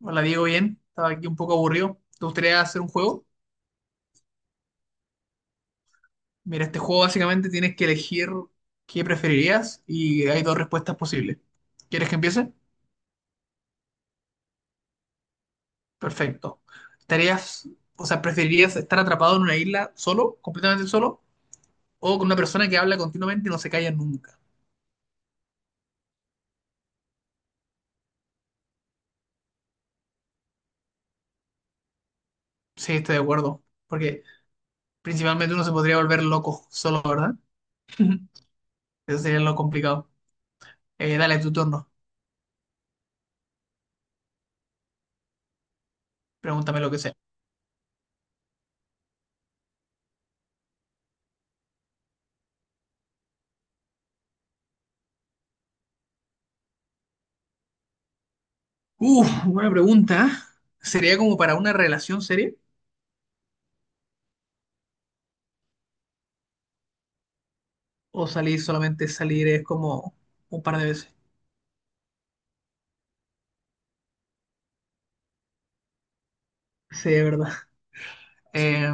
Hola Diego, bien. Estaba aquí un poco aburrido. ¿Te gustaría hacer un juego? Mira, este juego básicamente tienes que elegir qué preferirías y hay dos respuestas posibles. ¿Quieres que empiece? Perfecto. ¿Estarías, o sea, ¿preferirías estar atrapado en una isla solo, completamente solo, o con una persona que habla continuamente y no se calla nunca? Sí, estoy de acuerdo. Porque principalmente uno se podría volver loco solo, ¿verdad? Eso sería lo complicado. Dale tu turno. Pregúntame lo que sea. Uf, buena pregunta. ¿Sería como para una relación seria? O salir solamente salir es como un par de veces. Sí, es verdad. Eh,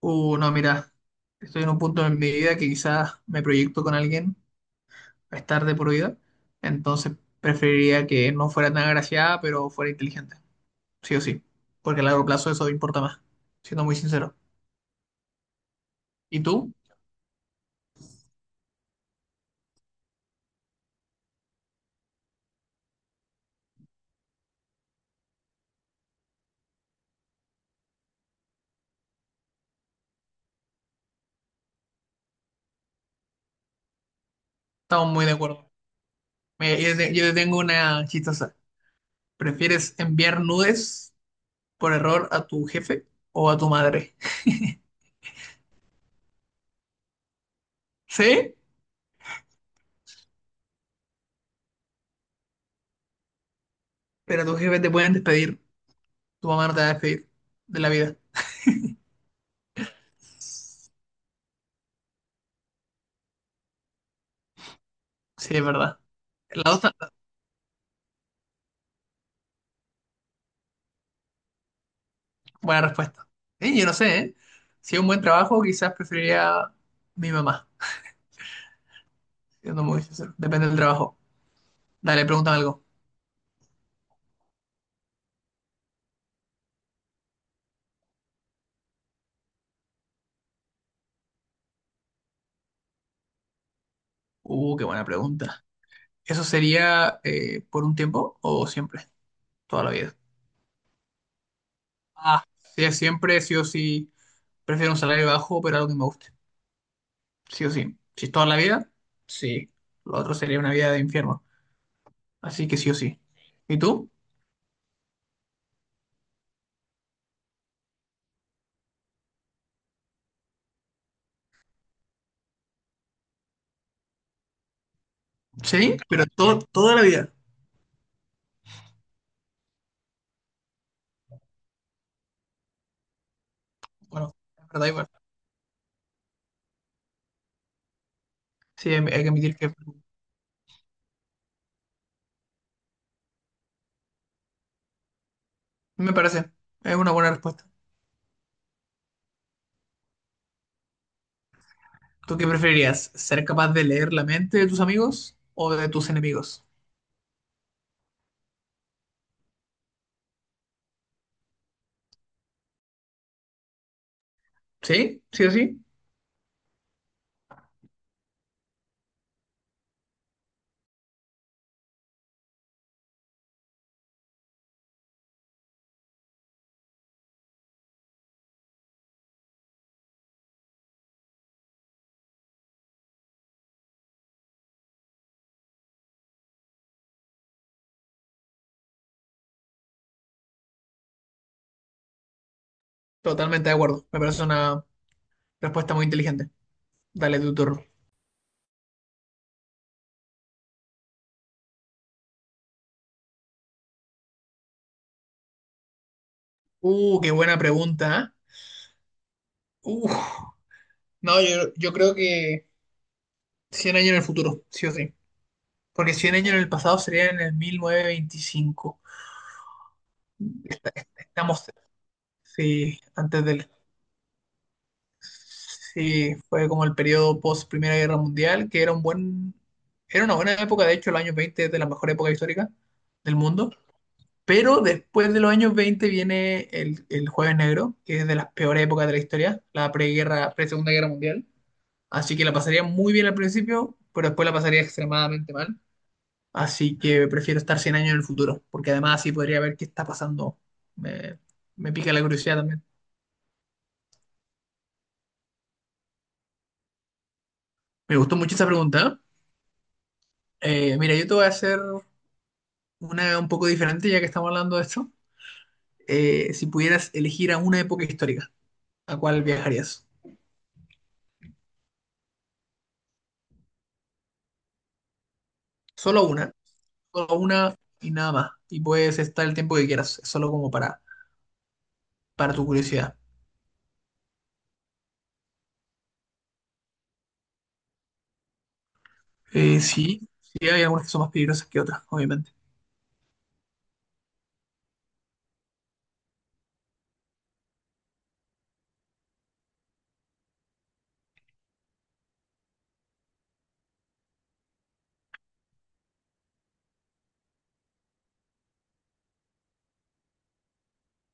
no, mira, estoy en un punto en mi vida que quizás me proyecto con alguien a estar de por vida, entonces preferiría que no fuera tan agraciada, pero fuera inteligente, sí o sí, porque a largo plazo eso importa más, siendo muy sincero. ¿Y tú? Estamos muy de acuerdo. Mira, yo te tengo una chistosa. ¿Prefieres enviar nudes por error a tu jefe o a tu madre? Sí, pero a tu jefe te pueden despedir. Tu mamá no te va a despedir de la vida. Sí, es verdad. La dos, buena respuesta. Yo no sé, ¿eh? Si es un buen trabajo, quizás preferiría mi mamá, siendo muy sincero. Depende del trabajo. Dale, pregúntame algo. Qué buena pregunta. ¿Eso sería, por un tiempo o siempre? Toda la vida. Ah, sí, siempre, sí o sí. Prefiero un salario bajo, pero algo que me guste. Sí o sí. Si es toda la vida, sí. Lo otro sería una vida de infierno. Así que sí o sí. ¿Y tú? Sí, pero todo, toda la vida. Bueno, es verdad igual. Sí, hay que admitir que me parece. Es una buena respuesta. ¿Tú qué preferirías? ¿Ser capaz de leer la mente de tus amigos o de tus enemigos? ¿Sí? ¿Sí o sí? Totalmente de acuerdo. Me parece una respuesta muy inteligente. Dale tu turno. Qué buena pregunta. ¿Eh? No, yo creo que 100 años en el futuro, sí o sí. Porque 100 años en el pasado sería en el 1925. Est- est- Estamos, sí, antes del. Sí, fue como el periodo post Primera Guerra Mundial, que era una buena época. De hecho, los años 20 es de la mejor época histórica del mundo. Pero después de los años 20 viene el Jueves Negro, que es de las peores épocas de la historia, la preguerra, pre-Segunda Guerra Mundial. Así que la pasaría muy bien al principio, pero después la pasaría extremadamente mal. Así que prefiero estar 100 años en el futuro, porque además así podría ver qué está pasando. Me, me pica la curiosidad también. Me gustó mucho esa pregunta. Mira, yo te voy a hacer una un poco diferente, ya que estamos hablando de esto. Si pudieras elegir a una época histórica, ¿a cuál viajarías? Solo una, solo una y nada más. Y puedes estar el tiempo que quieras, es solo como para, tu curiosidad. Sí, sí, hay algunas que son más peligrosas que otras, obviamente.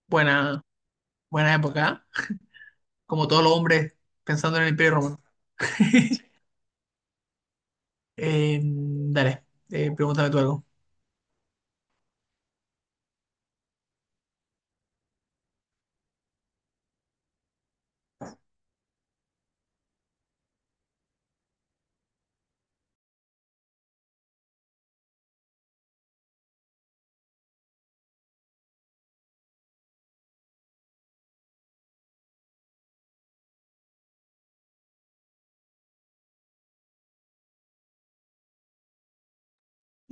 Buena, buena época, ¿eh? Como todos los hombres pensando en el Imperio Romano. Dale, pregúntame tú algo.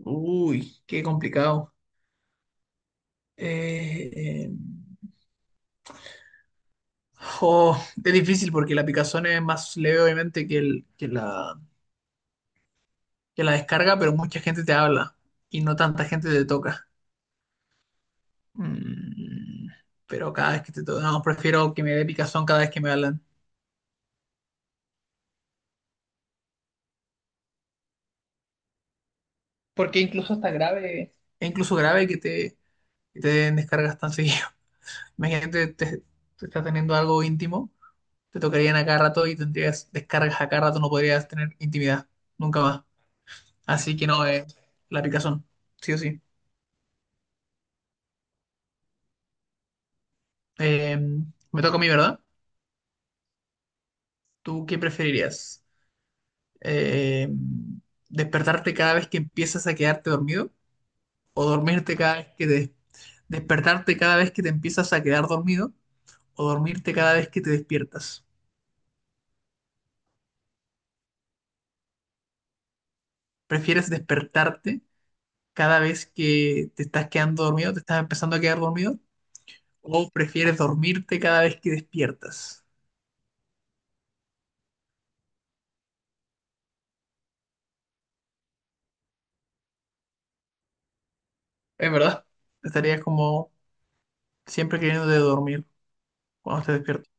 Uy, qué complicado. Eh, eh, Oh, es difícil porque la picazón es más leve obviamente que la descarga, pero mucha gente te habla y no tanta gente te toca. Mm, pero cada vez que te toca, no, prefiero que me dé picazón cada vez que me hablan. Porque incluso está grave. Es incluso grave que te den descargas tan seguido. Imagínate, te estás teniendo algo íntimo, te tocarían a cada rato y tendrías descargas a cada rato, no podrías tener intimidad, nunca más. Así que no, la picazón, sí o sí. Eh, Me toca a mí, ¿verdad? ¿Tú qué preferirías? Eh, ¿Despertarte cada vez que empiezas a quedarte dormido? ¿O dormirte cada vez que te... despertarte cada vez que te empiezas a quedar dormido? ¿O dormirte cada vez que te despiertas? ¿Prefieres despertarte cada vez que te estás quedando dormido, te estás empezando a quedar dormido? ¿O prefieres dormirte cada vez que despiertas? Es verdad, estarías como siempre queriendo de dormir cuando te despiertas.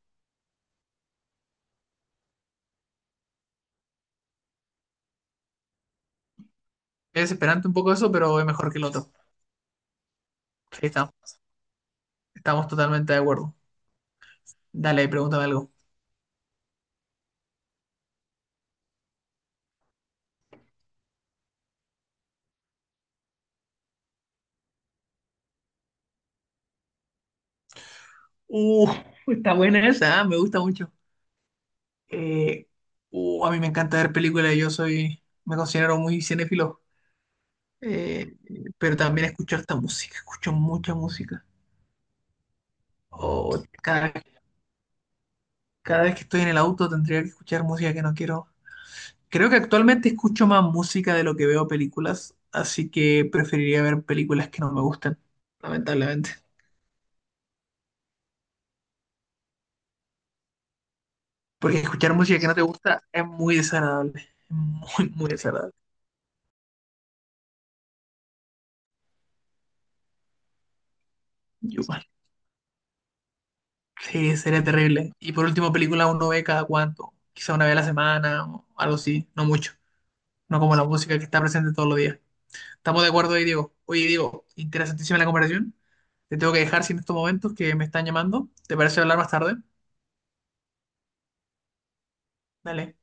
Es desesperante un poco eso, pero es mejor que el otro. Sí, está Estamos totalmente de acuerdo. Dale, pregúntame algo. Uh, Está buena esa, ¿eh? Me gusta mucho. Eh, a mí me encanta ver películas. Me considero muy cinéfilo. Eh, pero también escucho harta música, escucho mucha música. Oh, cada vez que estoy en el auto tendría que escuchar música que no quiero. Creo que actualmente escucho más música de lo que veo películas, así que preferiría ver películas que no me gustan, lamentablemente. Porque escuchar música que no te gusta es muy desagradable, es muy, muy desagradable. Yo igual. Sí, sería terrible. Y por último, película uno ve cada cuánto, quizá una vez a la semana o algo así, no mucho. No como la música que está presente todos los días. Estamos de acuerdo ahí, Diego. Oye, Diego, interesantísima la conversación. Te tengo que dejar sin estos momentos que me están llamando. ¿Te parece hablar más tarde? Dale.